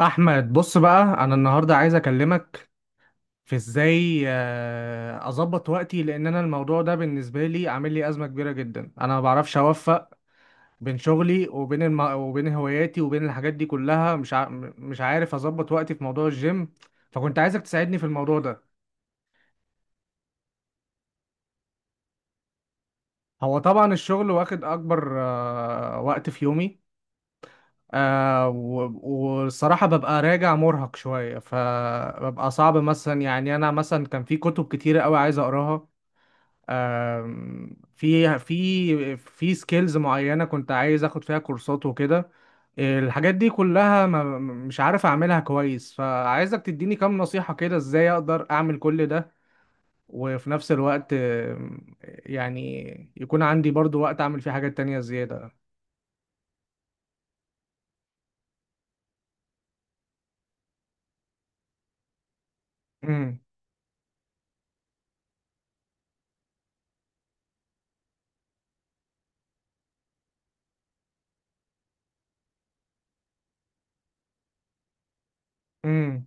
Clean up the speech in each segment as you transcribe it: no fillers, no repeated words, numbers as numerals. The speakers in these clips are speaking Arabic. احمد، بص بقى انا النهارده عايز اكلمك في ازاي، اظبط وقتي. لان انا الموضوع ده بالنسبه لي عامل لي ازمه كبيره جدا. انا ما بعرفش اوفق بين شغلي وبين وبين هواياتي وبين الحاجات دي كلها، مش عارف اظبط وقتي في موضوع الجيم. فكنت عايزك تساعدني في الموضوع ده. هو طبعا الشغل واخد اكبر وقت في يومي. والصراحة ببقى راجع مرهق شوية، فببقى صعب مثلا. يعني أنا مثلا كان في كتب كتيرة أوي عايز أقراها. آم، في سكيلز معينة كنت عايز اخد فيها كورسات وكده. الحاجات دي كلها ما مش عارف اعملها كويس، فعايزك تديني كام نصيحة كده، ازاي اقدر اعمل كل ده وفي نفس الوقت، يعني يكون عندي برضو وقت اعمل فيه حاجات تانية زيادة. امم. امم.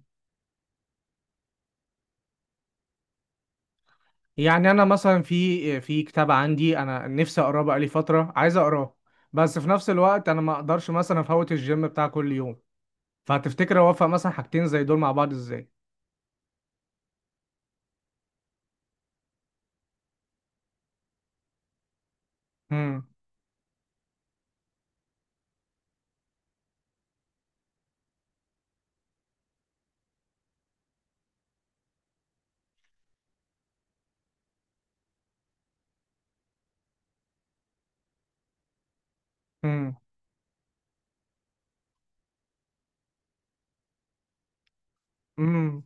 يعني انا مثلا في كتاب عندي انا نفسي اقراه بقالي فترة، عايز اقراه. بس في نفس الوقت انا ما اقدرش مثلا افوت الجيم بتاع كل يوم. فهتفتكر اوفق مثلا حاجتين زي دول مع بعض ازاي؟ امم. امم. امم.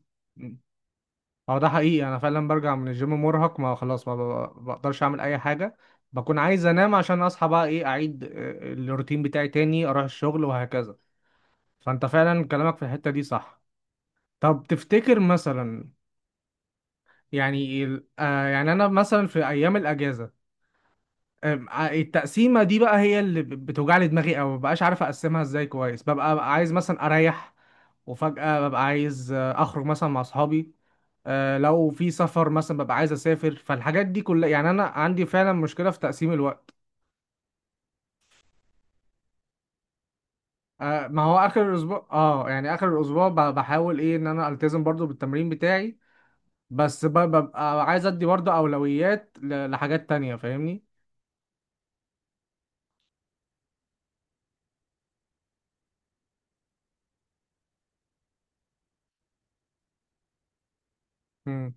هو ده حقيقي، انا فعلا برجع من الجيم مرهق. ما خلاص، ما بقدرش اعمل اي حاجه. بكون عايز انام عشان اصحى بقى ايه، اعيد الروتين بتاعي تاني، اروح الشغل وهكذا. فانت فعلا كلامك في الحته دي صح. طب تفتكر مثلا، يعني يعني انا مثلا في ايام الاجازه. آم، آه، التقسيمه دي بقى هي اللي بتوجع لي دماغي، او مبقاش عارف اقسمها ازاي كويس. ببقى عايز مثلا اريح، وفجأة ببقى عايز أخرج مثلا مع أصحابي. لو في سفر مثلا ببقى عايز أسافر. فالحاجات دي كلها، يعني أنا عندي فعلا مشكلة في تقسيم الوقت. ما هو آخر الأسبوع، يعني آخر الأسبوع بحاول إيه إن أنا ألتزم برضو بالتمرين بتاعي. بس ببقى عايز أدي برضو أولويات لحاجات تانية، فاهمني؟ مم.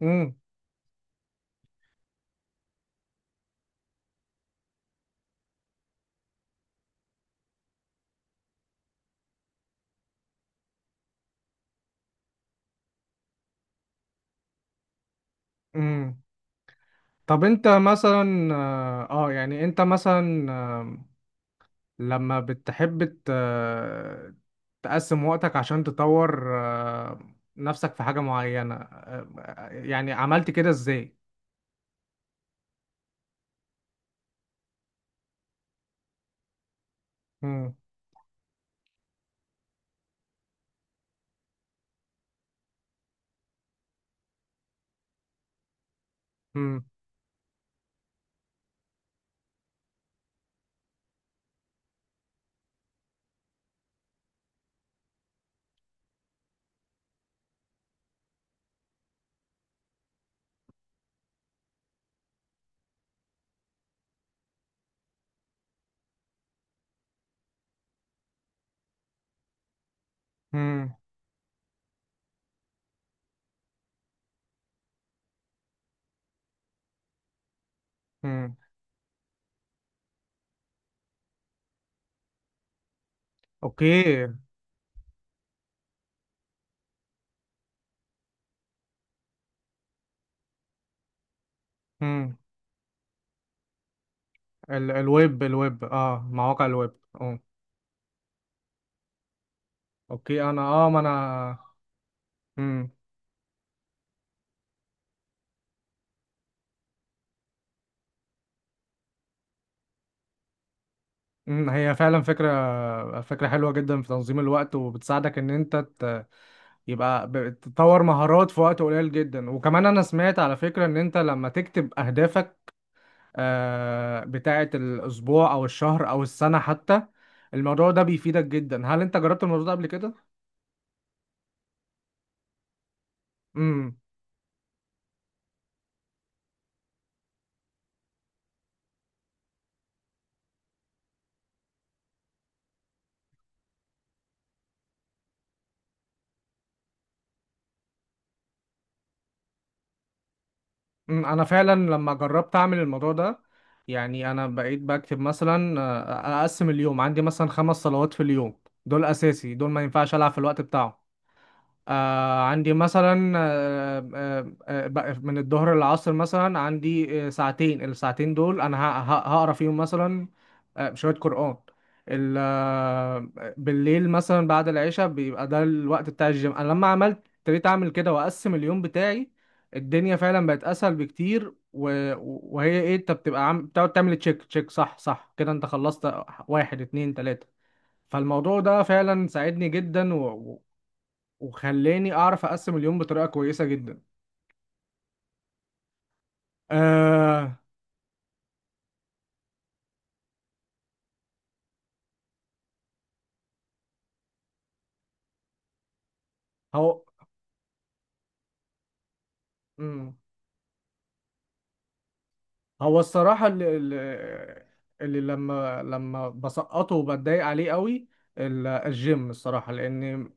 مم. مم. طب أنت مثلا، يعني أنت مثلا لما بتحب تقسم وقتك عشان تطور نفسك في حاجة معينة، يعني عملت كده ازاي؟ مم. مم. مم. مم. اوكي. مم. الويب مواقع الويب. اه. اوكي. انا ما انا. مم. مم. هي فعلا فكرة حلوة جدا في تنظيم الوقت وبتساعدك ان انت يبقى تطور مهارات في وقت قليل جدا. وكمان انا سمعت على فكرة ان انت لما تكتب اهدافك بتاعة الأسبوع أو الشهر أو السنة حتى، الموضوع ده بيفيدك جدا. هل أنت جربت الموضوع ده قبل كده؟ امم. أمم، أنا فعلا لما جربت أعمل الموضوع ده، يعني أنا بقيت بكتب مثلا، أقسم اليوم. عندي مثلا خمس صلوات في اليوم دول أساسي، دول ما ينفعش ألعب في الوقت بتاعهم. عندي مثلا، بقى من الظهر للعصر مثلا عندي ساعتين. الساعتين دول انا هقرا فيهم مثلا شوية قرآن. ال- آه، بالليل مثلا بعد العشاء بيبقى ده الوقت بتاع الجيم. انا لما ابتديت اعمل كده واقسم اليوم بتاعي، الدنيا فعلا بقت اسهل بكتير. وهي ايه، انت بتبقى بتقعد تعمل تشيك تشيك صح صح كده، انت خلصت واحد اتنين تلاتة. فالموضوع ده فعلا ساعدني جدا، وخلاني اعرف اقسم اليوم بطريقه كويسه جدا. آه هو مم. هو الصراحه اللي لما بسقطه وبتضايق عليه قوي، الجيم الصراحه، لان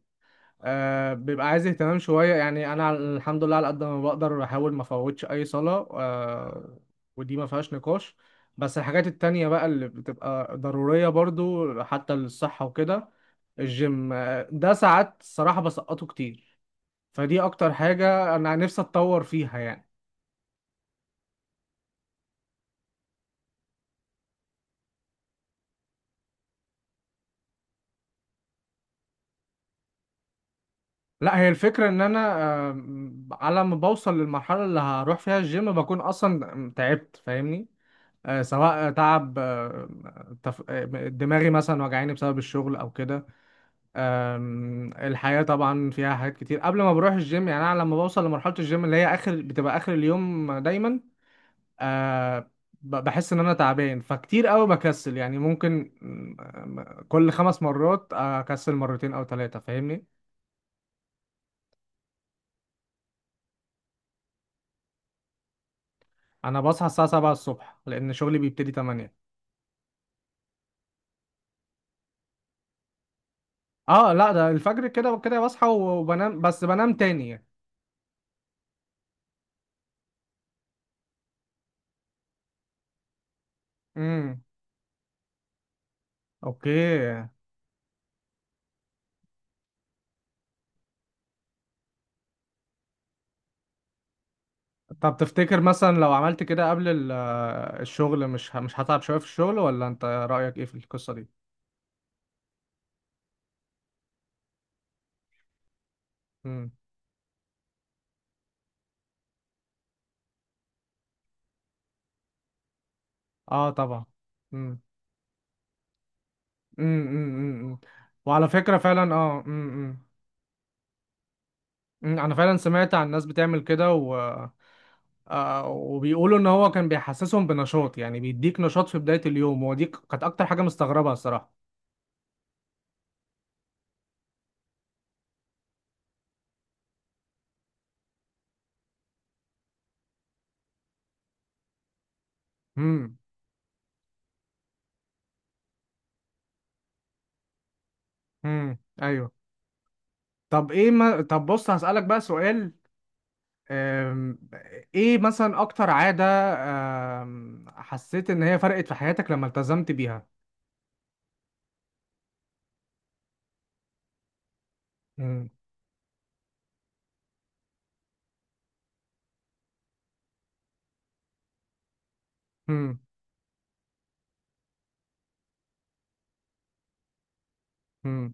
بيبقى عايز اهتمام شويه. يعني انا الحمد لله على قد ما بقدر بحاول ما افوتش اي صلاه. ودي ما فيهاش نقاش. بس الحاجات التانية بقى اللي بتبقى ضرورية برضو حتى للصحة وكده، الجيم ده ساعات الصراحة بسقطه كتير. فدي اكتر حاجة انا نفسي اتطور فيها يعني. لا، هي الفكرة ان انا على ما بوصل للمرحلة اللي هروح فيها الجيم بكون اصلا تعبت، فاهمني؟ سواء تعب دماغي مثلا وجعاني بسبب الشغل او كده. الحياة طبعا فيها حاجات كتير قبل ما بروح الجيم. يعني انا لما بوصل لمرحلة الجيم اللي هي اخر، بتبقى اخر اليوم دايما آه بحس ان انا تعبان، فكتير قوي بكسل. يعني ممكن كل خمس مرات اكسل مرتين او ثلاثة، فاهمني؟ انا بصحى الساعة 7 الصبح لان شغلي بيبتدي 8. اه لا، ده الفجر كده وكده بصحى وبنام، بس بنام تاني يعني. امم. اوكي، طب تفتكر مثلا لو عملت كده قبل الشغل، مش هتعب شوية في الشغل، ولا انت رأيك ايه في القصة دي؟ امم. اه طبعا. امم. امم. امم. وعلى فكرة فعلا، انا فعلا سمعت عن ناس بتعمل كده. وبيقولوا ان هو كان بيحسسهم بنشاط. يعني بيديك نشاط في بداية اليوم، ودي كانت اكتر حاجة مستغربها الصراحة. امم. امم. ايوه. طب ايه ما... طب بص هسألك بقى سؤال. أم... ايه مثلا اكتر عادة حسيت ان هي فرقت في حياتك لما التزمت بيها؟ امم. امم. امم.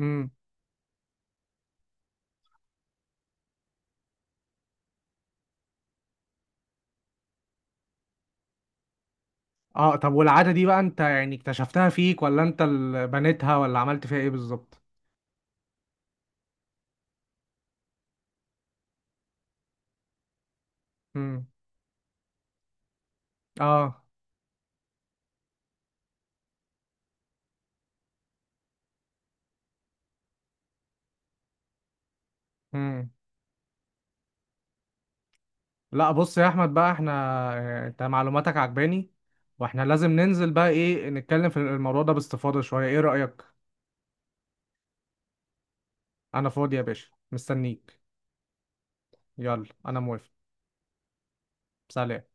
امم. اه، طب والعادة دي بقى انت يعني اكتشفتها فيك، ولا انت اللي بنيتها، ولا عملت فيها ايه بالظبط؟ امم. اه. مم. لا بص يا احمد بقى، احنا اه، انت معلوماتك عجباني. واحنا لازم ننزل بقى، ايه، نتكلم في الموضوع ده باستفاضة شوية. ايه رأيك؟ انا فاضي يا باشا مستنيك. يلا انا موافق. سلام.